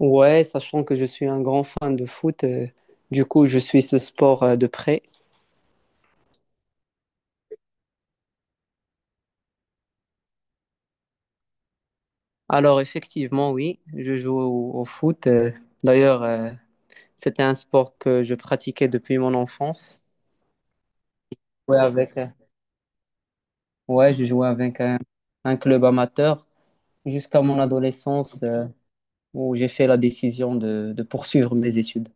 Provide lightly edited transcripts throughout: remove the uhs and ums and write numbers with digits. Ouais, sachant que je suis un grand fan de foot, du coup, je suis ce sport de près. Alors, effectivement, oui, je joue au foot. D'ailleurs, c'était un sport que je pratiquais depuis mon enfance. Ouais, avec, ouais, je jouais avec un club amateur jusqu'à mon adolescence, où j'ai fait la décision de poursuivre mes études.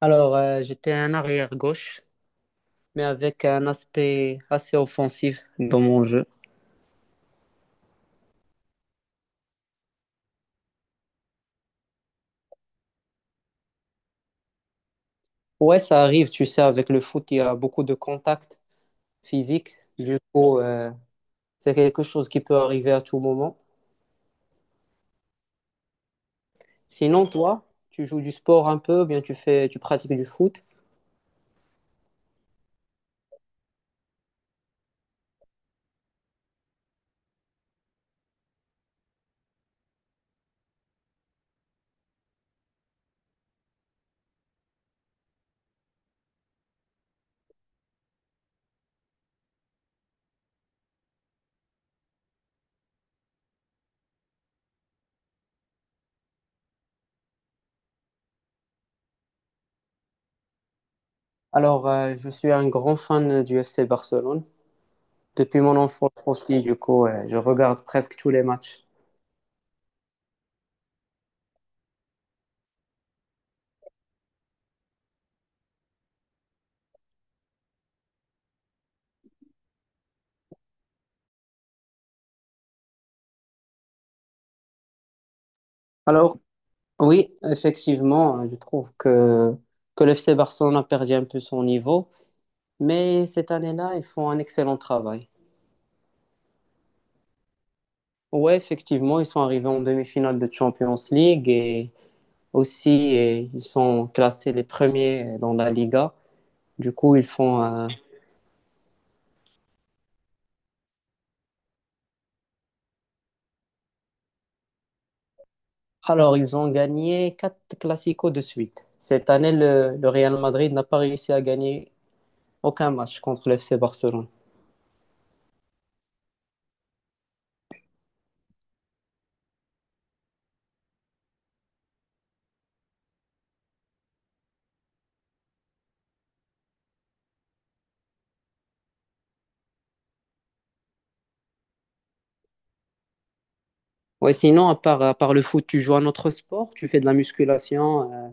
Alors, j'étais un arrière gauche, mais avec un aspect assez offensif dans mon jeu. Ouais, ça arrive, tu sais, avec le foot, il y a beaucoup de contacts physiques. Du coup, c'est quelque chose qui peut arriver à tout moment. Sinon, toi, tu joues du sport un peu, ou bien tu fais, tu pratiques du foot. Alors, je suis un grand fan du FC Barcelone. Depuis mon enfance aussi, du coup, je regarde presque tous les matchs. Alors, oui, effectivement, je trouve que le FC Barcelone a perdu un peu son niveau. Mais cette année-là, ils font un excellent travail. Ouais, effectivement, ils sont arrivés en demi-finale de Champions League et aussi et ils sont classés les premiers dans la Liga. Du coup, Alors, ils ont gagné 4 Clasico de suite. Cette année, le Real Madrid n'a pas réussi à gagner aucun match contre le FC Barcelone. Ouais, sinon, à part le foot, tu joues à notre sport? Tu fais de la musculation,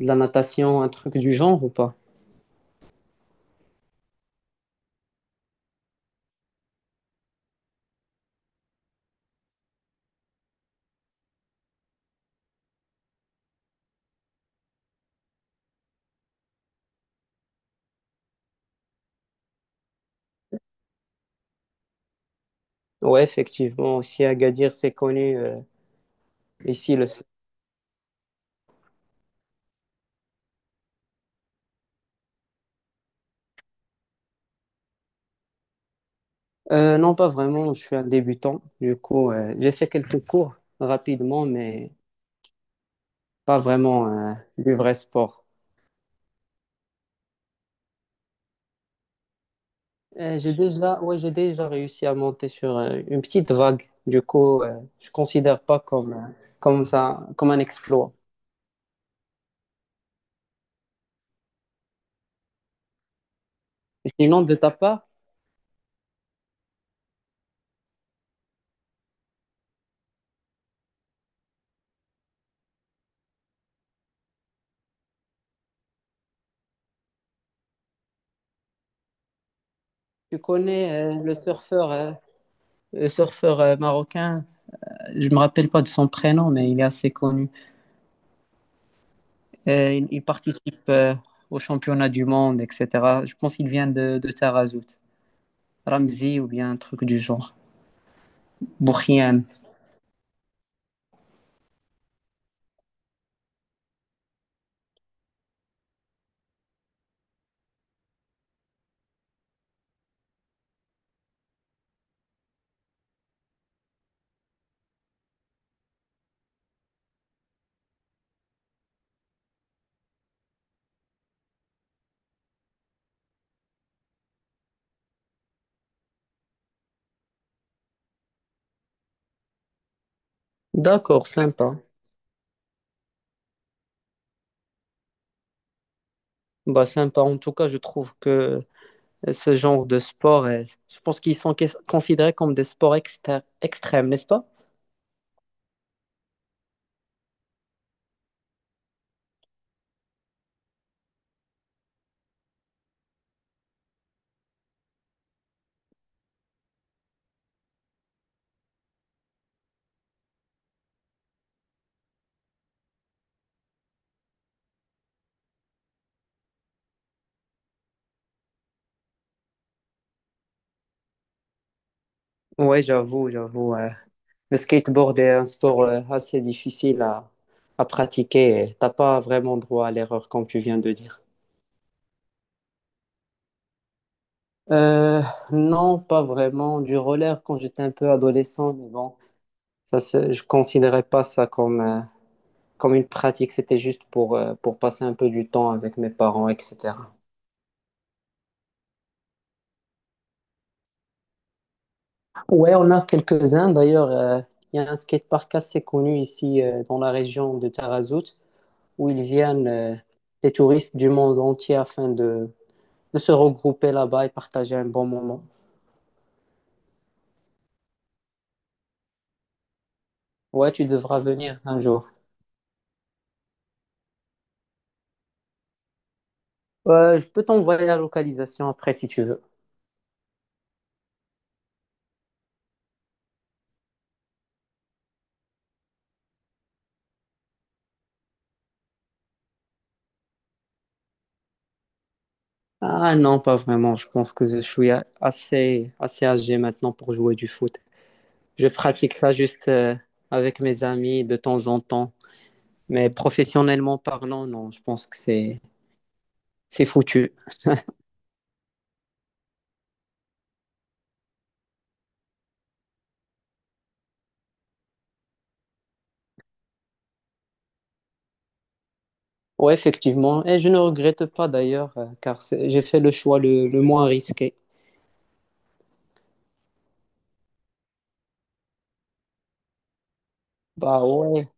de la natation, un truc du genre ou pas? Ouais, effectivement, aussi Agadir, c'est connu. Ici, le non, pas vraiment. Je suis un débutant. Du coup, j'ai fait quelques cours rapidement, mais pas vraiment du vrai sport. J'ai déjà, ouais, j'ai déjà réussi à monter sur une petite vague. Du coup, je considère pas comme ça, comme un exploit. Et sinon, de ta part, tu connais le surfeur marocain. Je me rappelle pas de son prénom, mais il est assez connu. Il participe au championnat du monde, etc. Je pense qu'il vient de Tarazout. Ramzi ou bien un truc du genre. Bourriam. D'accord, sympa. Bah, sympa. En tout cas, je trouve que ce genre de sport, je pense qu'ils sont considérés comme des sports extrêmes, n'est-ce pas? Ouais, j'avoue, j'avoue. Ouais. Le skateboard est un sport assez difficile à pratiquer et t'as pas vraiment droit à l'erreur comme tu viens de dire. Euh, non, pas vraiment. Du roller quand j'étais un peu adolescent, mais bon, je considérais pas ça comme une pratique. C'était juste pour passer un peu du temps avec mes parents, etc. Ouais, on a quelques-uns. D'ailleurs, il y a un skatepark assez connu ici dans la région de Tarazout où ils viennent des touristes du monde entier afin de se regrouper là-bas et partager un bon moment. Ouais, tu devras venir un jour. Je peux t'envoyer la localisation après si tu veux. Ah non, pas vraiment. Je pense que je suis assez, assez âgé maintenant pour jouer du foot. Je pratique ça juste avec mes amis de temps en temps. Mais professionnellement parlant, non, je pense c'est foutu. Ouais, effectivement. Et je ne regrette pas d'ailleurs, j'ai fait le choix le moins risqué. Bah ouais,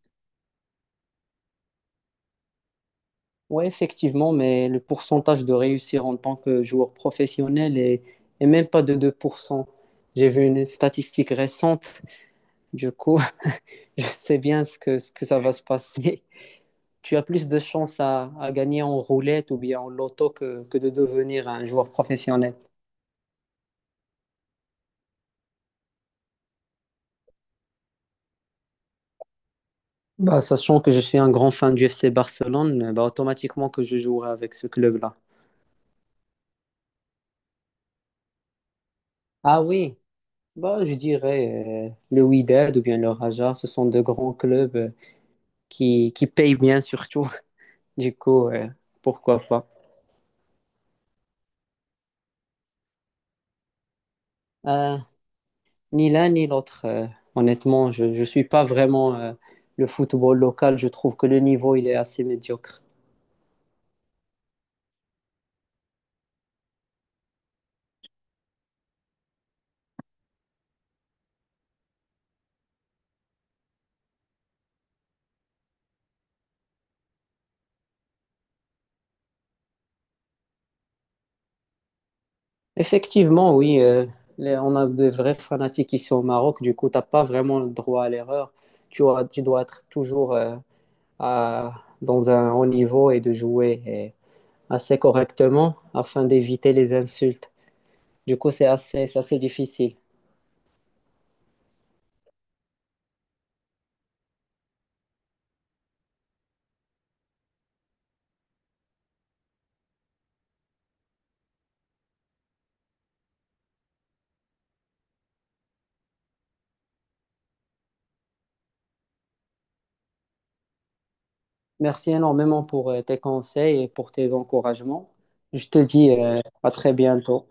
oui, effectivement, mais le pourcentage de réussir en tant que joueur professionnel est même pas de 2%. J'ai vu une statistique récente, du coup, je sais bien ce ce que ça va se passer. Tu as plus de chances à gagner en roulette ou bien en loto que de devenir un joueur professionnel. Bah, sachant que je suis un grand fan du FC Barcelone, bah, automatiquement que je jouerai avec ce club-là. Ah oui, bah, je dirais le Wydad ou bien le Raja, ce sont de grands clubs. Qui paye bien surtout. Du coup, pourquoi pas. Euh, ni l'un ni l'autre. Honnêtement, je ne suis pas vraiment le football local. Je trouve que le niveau, il est assez médiocre. Effectivement, oui, on a de vrais fanatiques ici au Maroc. Du coup, tu n'as pas vraiment le droit à l'erreur. Tu dois être toujours à- dans un haut niveau et de jouer assez correctement afin d'éviter les insultes. Du coup, c'est assez difficile. Merci énormément pour tes conseils et pour tes encouragements. Je te dis à très bientôt.